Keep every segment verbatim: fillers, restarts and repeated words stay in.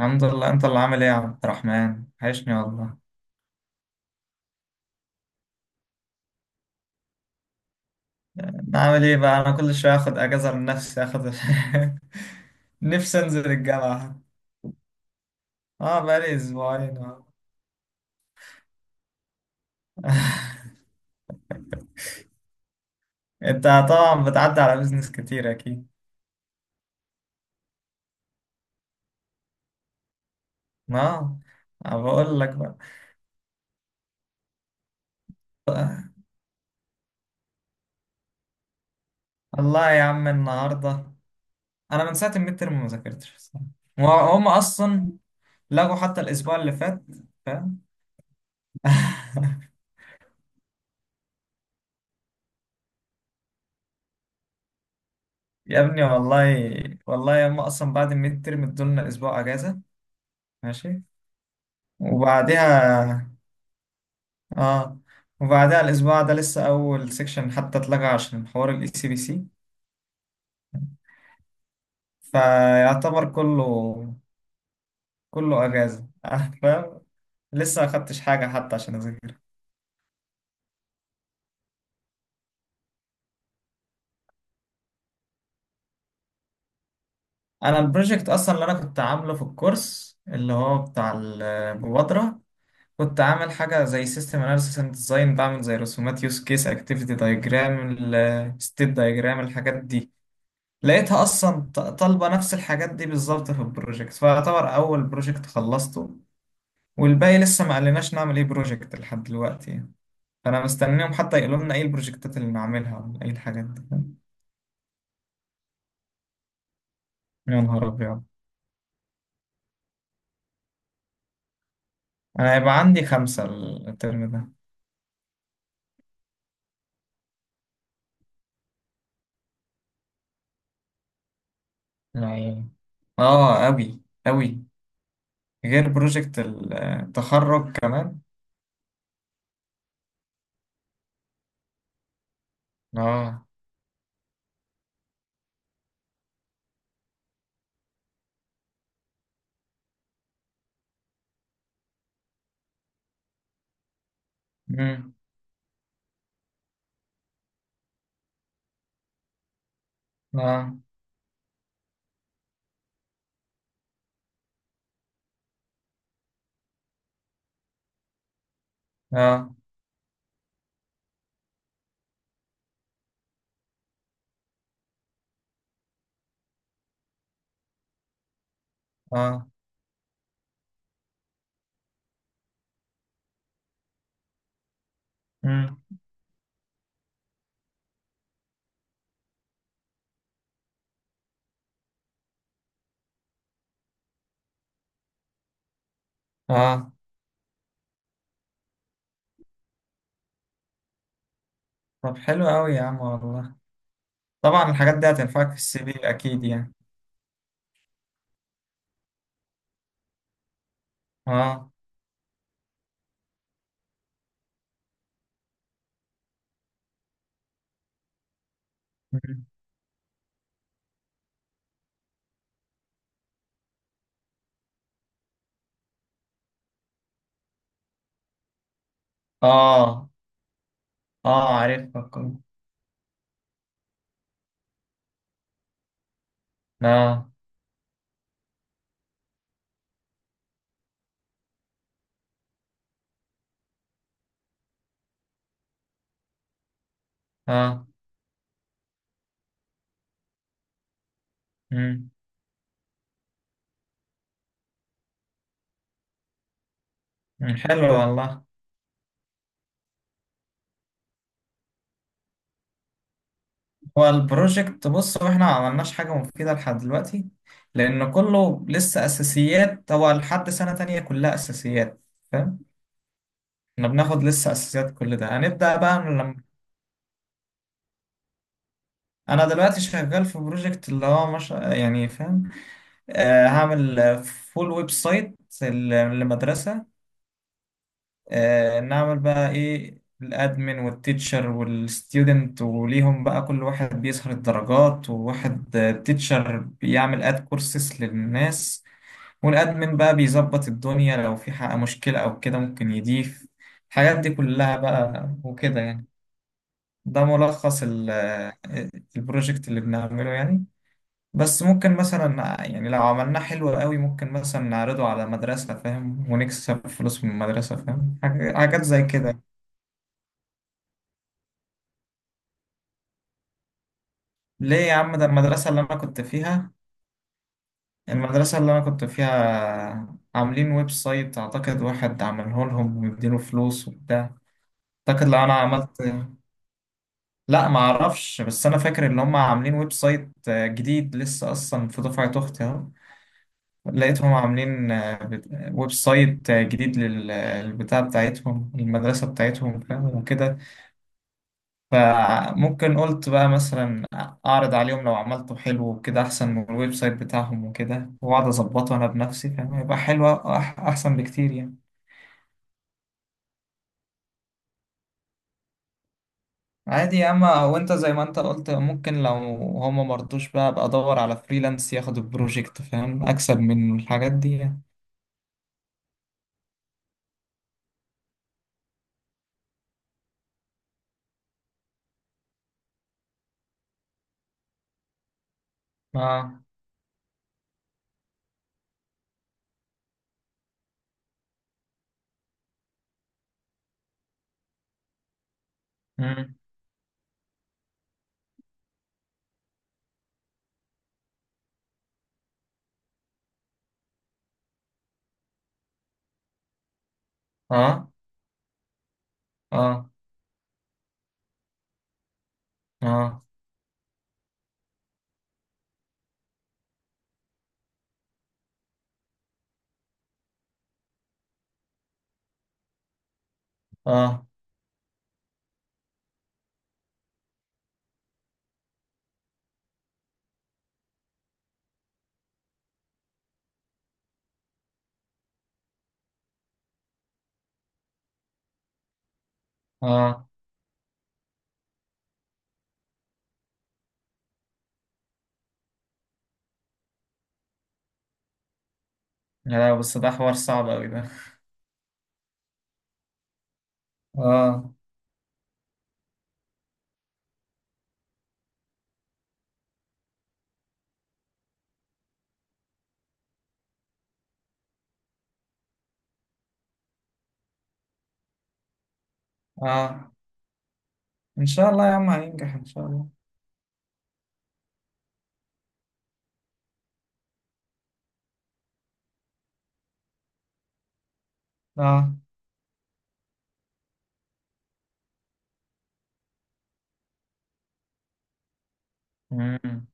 الحمد لله، انت اللي عامل ايه يا عبد الرحمن؟ وحشني والله. انا عامل ايه بقى؟ انا كل شويه اخد اجازه من نفسي اخد نفسي انزل الجامعه. اه، بقالي اسبوعين. اه. انت طبعا بتعدي على بيزنس كتير اكيد. اه. أنا بقول لك بقى، والله يا عم، النهارده انا من ساعه الميد تيرم ما ذاكرتش الصراحة. وهم اصلا لغوا حتى الاسبوع اللي فات، فاهم؟ يا ابني والله، والله هم اصلا بعد الميد تيرم ادولنا اسبوع اجازه. ماشي. وبعدها اه وبعدها الاسبوع ده لسه اول سيكشن حتى اتلغى عشان حوار الاي سي بي سي، فيعتبر كله كله اجازه. آه، فاهم. لسه ما خدتش حاجه حتى عشان اذاكر. انا البروجكت اصلا اللي انا كنت عامله في الكورس اللي هو بتاع المبادره، كنت عامل حاجه زي سيستم اناليسيس اند ديزاين، بعمل زي رسومات يوز كيس اكتيفيتي دايجرام ستيت دايجرام الحاجات دي. لقيتها اصلا ط- طالبه نفس الحاجات دي بالظبط في البروجكت، فيعتبر اول بروجكت خلصته. والباقي لسه ما قالناش نعمل ايه بروجكت لحد دلوقتي يعني. فانا مستنيهم حتى يقولوا لنا ايه البروجكتات اللي نعملها ولا ايه الحاجات دي، فاهم؟ يا نهار ابيض. انا هيبقى عندي خمسة الترم ده يعني. اه، اوي اوي، غير بروجكت التخرج كمان. اه. مم. اه. اه. اه. مم. اه. طب حلو اوي يا عم والله. طبعا الحاجات دي هتنفعك في السي في اكيد يعني. اه. مم. اه. اه عارفها كله. اه. اه. مم. مم. حلو والله. هو البروجكت، بص، هو احنا ما عملناش حاجة مفيدة لحد دلوقتي، لأن كله لسه أساسيات. هو لحد سنة تانية كلها أساسيات، فاهم؟ احنا بناخد لسه أساسيات، كل ده هنبدأ بقى من لما... أنا دلوقتي شغال في بروجكت اللي هو مش يعني، فاهم؟ آه، هعمل فول ويب سايت ل- لمدرسة. آه، نعمل بقى ايه الادمن والتيتشر والستودنت، وليهم بقى كل واحد بيسهر الدرجات، وواحد آه، تيتشر بيعمل اد كورسز للناس. والادمن بقى بيظبط الدنيا لو في حق مشكلة او كده ممكن يضيف الحاجات دي كلها بقى وكده يعني. ده ملخص ال- آه، البروجكت اللي بنعمله يعني. بس ممكن مثلا يعني لو عملناه حلو قوي، ممكن مثلا نعرضه على مدرسة، فاهم؟ ونكسب فلوس من المدرسة، فاهم؟ حاجة- حاجات زي كده. ليه يا عم؟ ده المدرسة اللي أنا كنت فيها، المدرسة اللي أنا كنت فيها عاملين ويب سايت. أعتقد واحد عمله لهم ومديله فلوس وبتاع. أعتقد لو أنا عملت... لا، ما أعرفش، بس أنا فاكر إن هم عاملين ويب سايت آه، جديد لسه. أصلا في دفعة أختي أهو، لقيتهم عاملين آه، بت- ويب سايت آه، جديد للبتاع بتاعتهم، المدرسة بتاعتهم، فاهم؟ وكده. فممكن قلت بقى مثلا اعرض عليهم، لو عملته حلو وكده احسن من الويب سايت بتاعهم وكده، واقعد اظبطه انا بنفسي، فاهم؟ يبقى حلو، أح- احسن بكتير يعني. عادي يا اما، وانت زي ما انت قلت، ممكن لو هما مرضوش بقى، ابقى ادور على فريلانس ياخد البروجكت، فاهم؟ اكسب من الحاجات دي يعني. اه. مم. اه. اه. اه. اه. اه. لا، بس ده حوار صعب اوي ده. اه. اه، ان شاء الله يا عم هينجح ان شاء الله. اه. مم.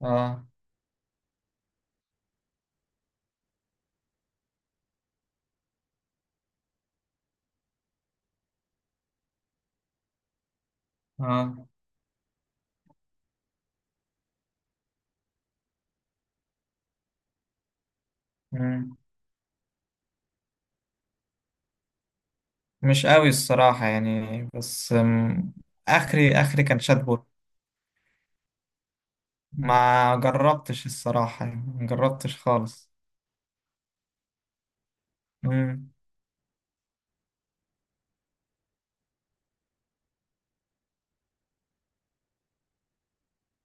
اه. اه. مم. مش قوي الصراحة يعني، بس أم، آخري آخري كان شاتبوت. ما جربتش الصراحة يعني، ما جربتش خالص. مم.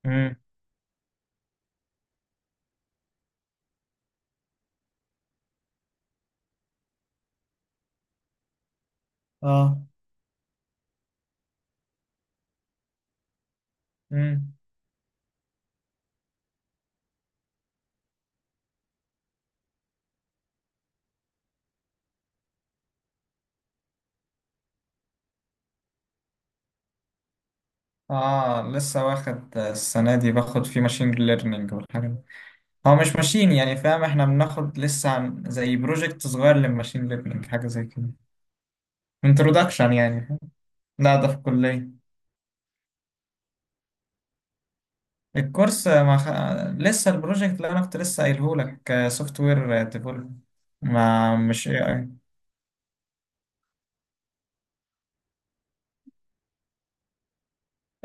مم. اه. مم. اه، لسه واخد السنة دي، باخد فيه ماشين ليرنينج والحاجة دي. هو مش ماشين يعني، فاهم؟ احنا بناخد لسه عن زي بروجكت صغير للماشين ليرنينج، حاجة زي كده. انترودكشن يعني. لا، ده في الكلية. الكورس ما خ... لسه البروجكت اللي انا كنت لسه قايله لك سوفت وير ديفلوب، ما مش اي اي.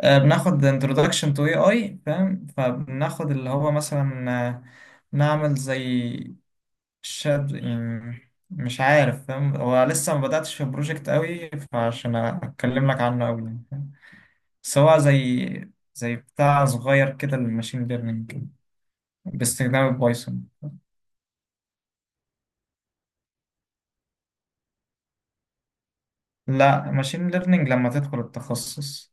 آه، بناخد انترودكشن تو اي اي، فاهم؟ فبناخد اللي هو مثلا، آه، نعمل زي شاد يعني، مش عارف، فاهم؟ هو لسه ما بدأتش في البروجكت قوي، فعشان اتكلم لك عنه قوي يعني، فاهم؟ بس هو زي زي بتاع صغير كده للماشين ليرنينج باستخدام البايثون. لا، ماشين ليرنينج لما تدخل التخصص.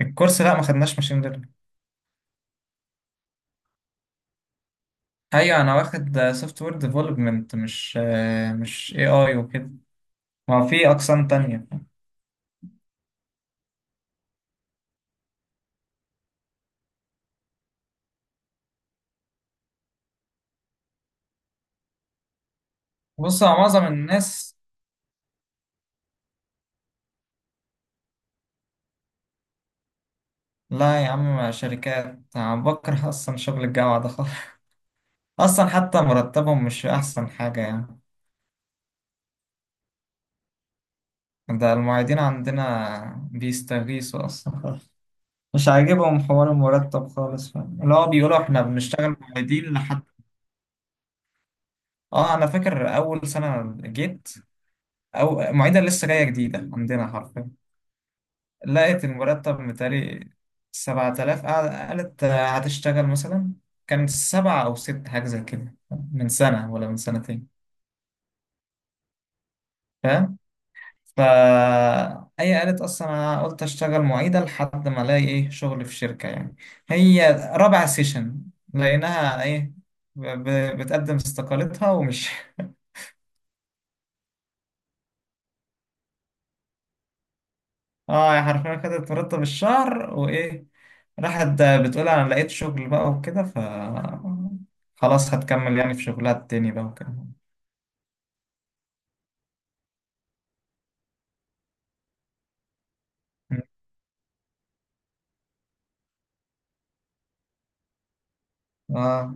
الكورس لا، ما خدناش ماشين ليرنينج. ايوه، انا واخد سوفت وير ديفلوبمنت، مش آه، مش اي اي وكده. ما في اقسام تانية. بص، هو معظم الناس... لا يا عم، شركات أنا بكره اصلا شغل الجامعة ده خالص. اصلا حتى مرتبهم مش احسن حاجة يعني. ده المعيدين عندنا بيستغيثوا اصلا خالص. مش عاجبهم حوار المرتب خالص، فاهم؟ اللي هو بيقولوا احنا بنشتغل معيدين لحد... اه، انا فاكر اول سنة جيت، او معيدة لسه جاية جديدة عندنا حرفيا. لقيت المرتب متهيألي سبعة آلاف، قالت هتشتغل مثلا. كان سبعة أو ست حاجة زي كده، من سنة ولا من سنتين، فاهم؟ فا هي قالت أصلا أنا قلت أشتغل معيدة لحد ما ألاقي إيه شغل في شركة يعني. هي رابع سيشن لقيناها إيه ب- ب- بتقدم استقالتها ومش اه، يا حرفيا كده ترتب الشهر وايه راحت. بتقول انا لقيت شغل بقى وكده، ف خلاص هتكمل يعني في شغلها التاني بقى وكده. اه.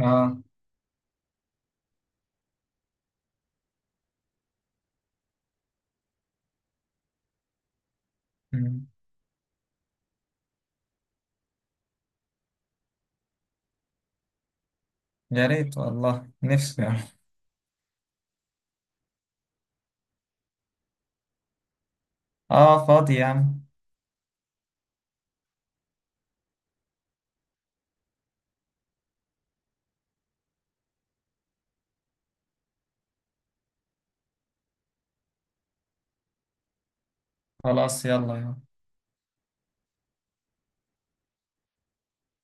اه. مم. يا ريت والله، نفسي يعني. اه فاضي يعني. خلاص، يلا يلا.